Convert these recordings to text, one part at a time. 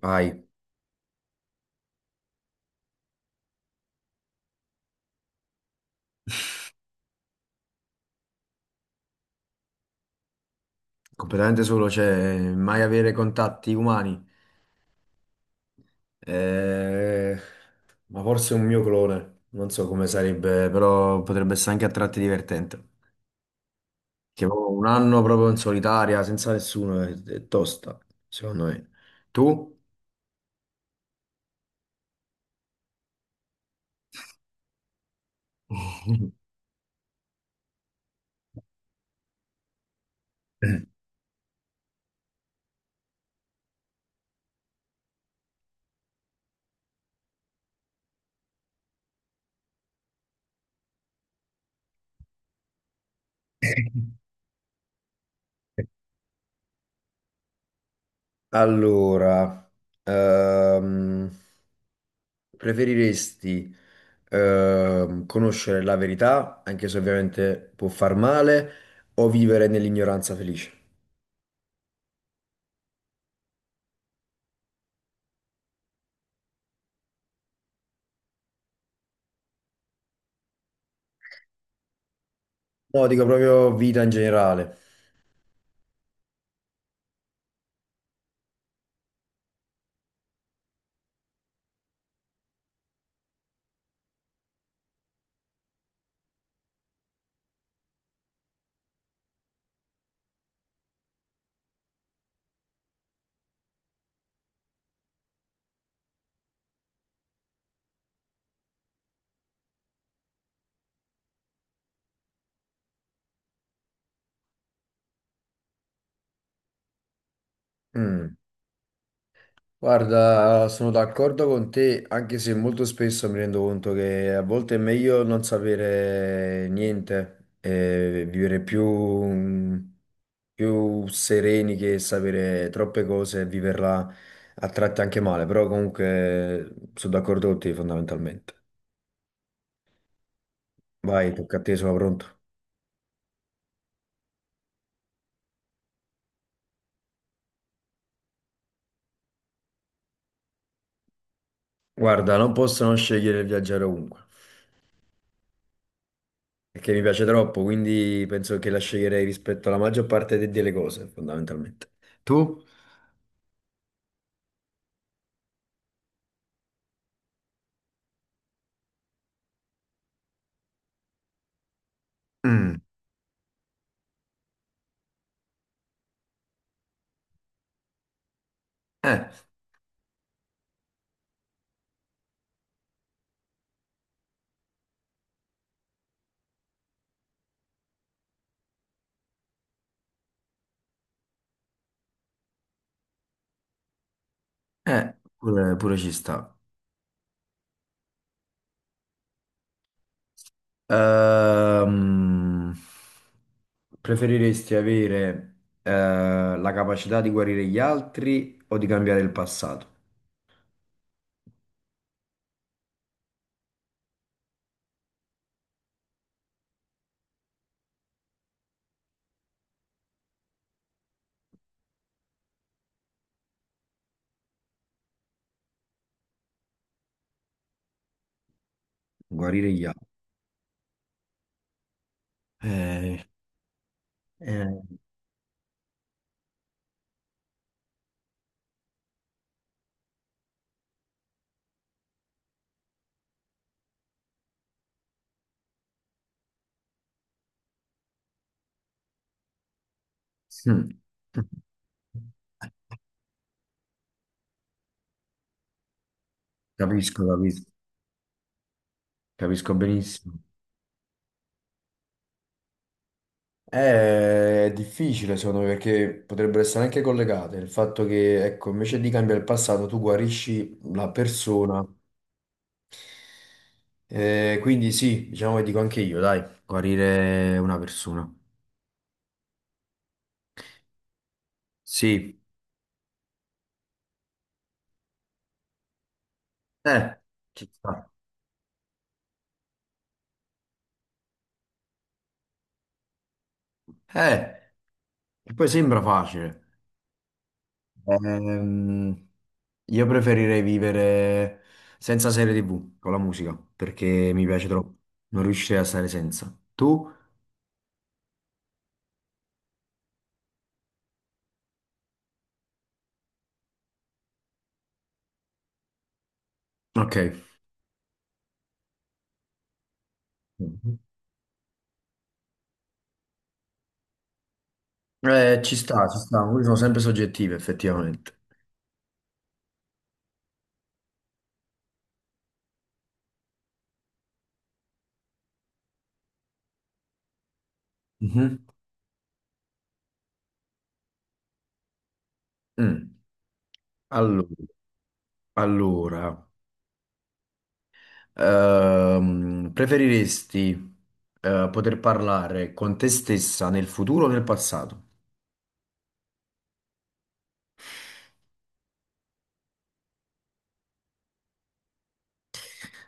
Vai, completamente solo, cioè mai avere contatti umani. Eh, ma forse un mio clone, non so come sarebbe, però potrebbe essere anche a tratti divertente. Che ho un anno proprio in solitaria, senza nessuno, è tosta, secondo me. Tu? Allora, ehm, preferiresti conoscere la verità, anche se ovviamente può far male, o vivere nell'ignoranza felice? No, dico proprio vita in generale. Mm. Guarda, sono d'accordo con te, anche se molto spesso mi rendo conto che a volte è meglio non sapere niente e vivere più, più sereni che sapere troppe cose e viverla a tratti anche male, però comunque sono d'accordo con te fondamentalmente. Vai, tocca a te, sono pronto. Guarda, non posso non scegliere il viaggiare ovunque, perché mi piace troppo, quindi penso che la sceglierei rispetto alla maggior parte delle cose, fondamentalmente. Tu? Mm. Eh, pure, pure ci sta. Ehm, Preferiresti avere, eh, la capacità di guarire gli altri o di cambiare il passato? Guarire gli altri. Eh, eh, mm. Capisco, capisco, capisco benissimo. È difficile secondo me perché potrebbero essere anche collegate. Il fatto che, ecco, invece di cambiare il passato, tu guarisci la persona. Quindi sì, diciamo che dico anche io, dai, guarire una persona. Sì, eh, ci sta. Eh, che poi sembra facile. Ehm, io preferirei vivere senza serie TV, con la musica, perché mi piace troppo. Non riuscirei a stare senza. Tu? Ok. Ci sta, ci sta, quindi sono sempre soggettive effettivamente. Mhm. Mm. Allora, allora, preferiresti poter parlare con te stessa nel futuro o nel passato?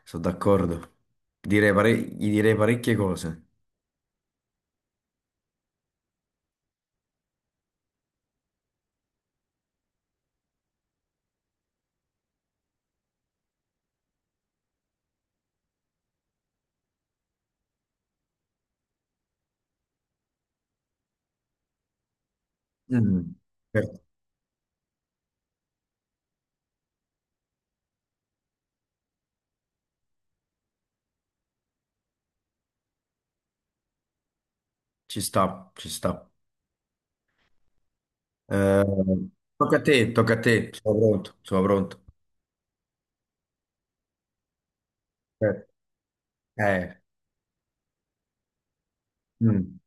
Sono d'accordo. Direi gli direi parecchie cose. Mm. Certo. Ci sta, ci sta. Eh, tocca a te, tocca a te. Sono pronto, sono pronto. Eh, eh, mm.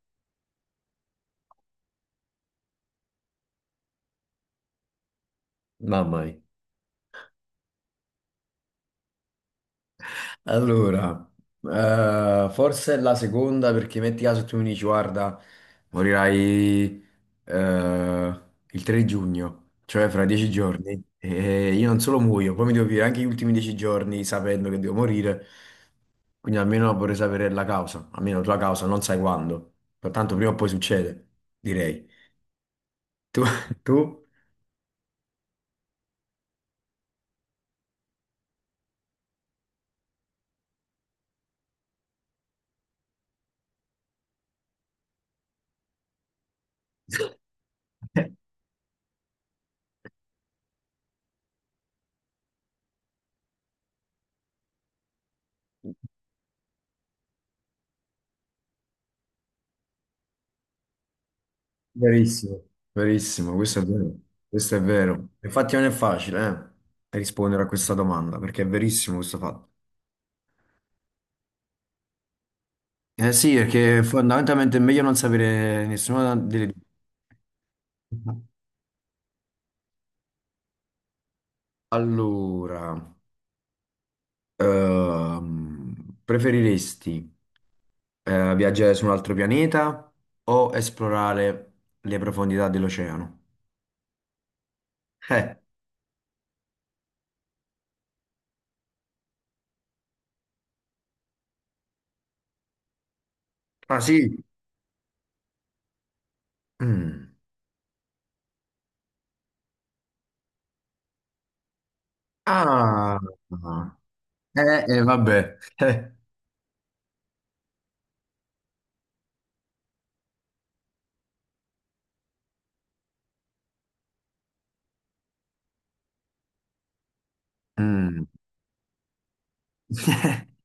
Mamma mia. Allora, forse è la seconda perché metti caso tu mi dici, guarda, morirai eh, il 3 giugno, cioè fra 10 giorni, e io non solo muoio, poi mi devo vivere anche gli ultimi 10 giorni sapendo che devo morire, quindi almeno vorrei sapere la causa, almeno la tua causa, non sai quando, tanto prima o poi succede, direi. Tu? Tu? Verissimo, verissimo, questo è vero, questo è vero. Infatti non è facile, rispondere a questa domanda, perché è verissimo questo fatto. Eh sì, perché fondamentalmente è meglio non sapere nessuna delle due. Allora, preferiresti viaggiare su un altro pianeta o esplorare le profondità dell'oceano? Eh, ah sì. Mm. Ah, vabbè. Mm.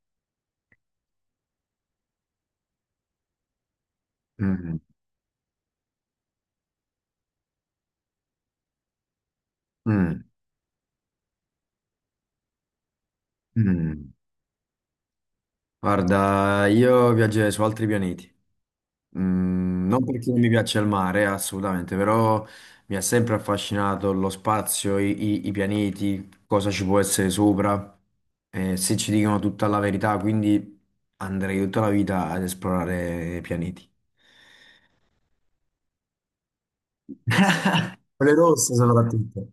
Mm, mm, mm. Guarda, io viaggerei su altri pianeti. Mm, non perché non mi piace il mare, assolutamente, però mi ha sempre affascinato lo spazio, i pianeti, cosa ci può essere sopra, se ci dicono tutta la verità, quindi andrei tutta la vita ad esplorare i pianeti. Quelle rosse soprattutto.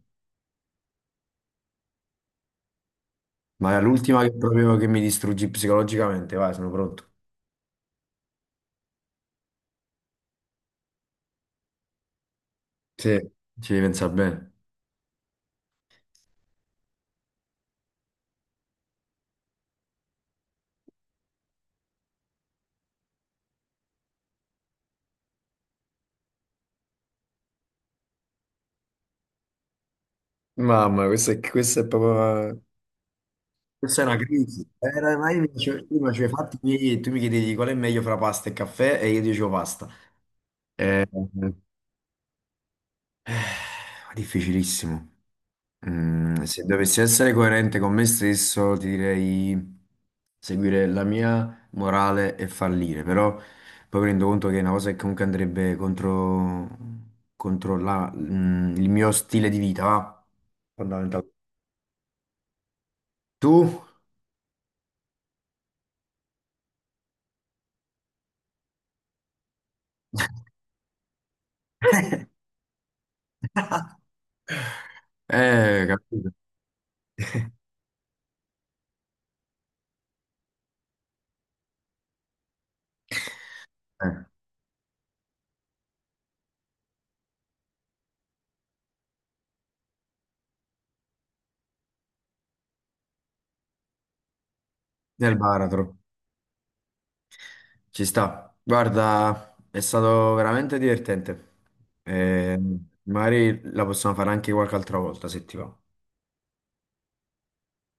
Ma è l'ultima che proprio che mi distruggi psicologicamente, vai, sono pronto. Sì, ci devi pensare bene. Mamma, questa è proprio. Questa è una crisi. Era mai prima, cioè, tu mi chiedevi qual è meglio fra pasta e caffè e io dicevo pasta. Eh, eh, Difficilissimo. Se dovessi essere coerente con me stesso, ti direi seguire la mia morale e fallire, però poi mi rendo conto che è una cosa che comunque andrebbe contro il mio stile di vita, va? Fondamentale. Tu? Capito. Eh, del baratro. Ci sta. Guarda, è stato veramente divertente. Eh, magari la possiamo fare anche qualche altra volta se ti va.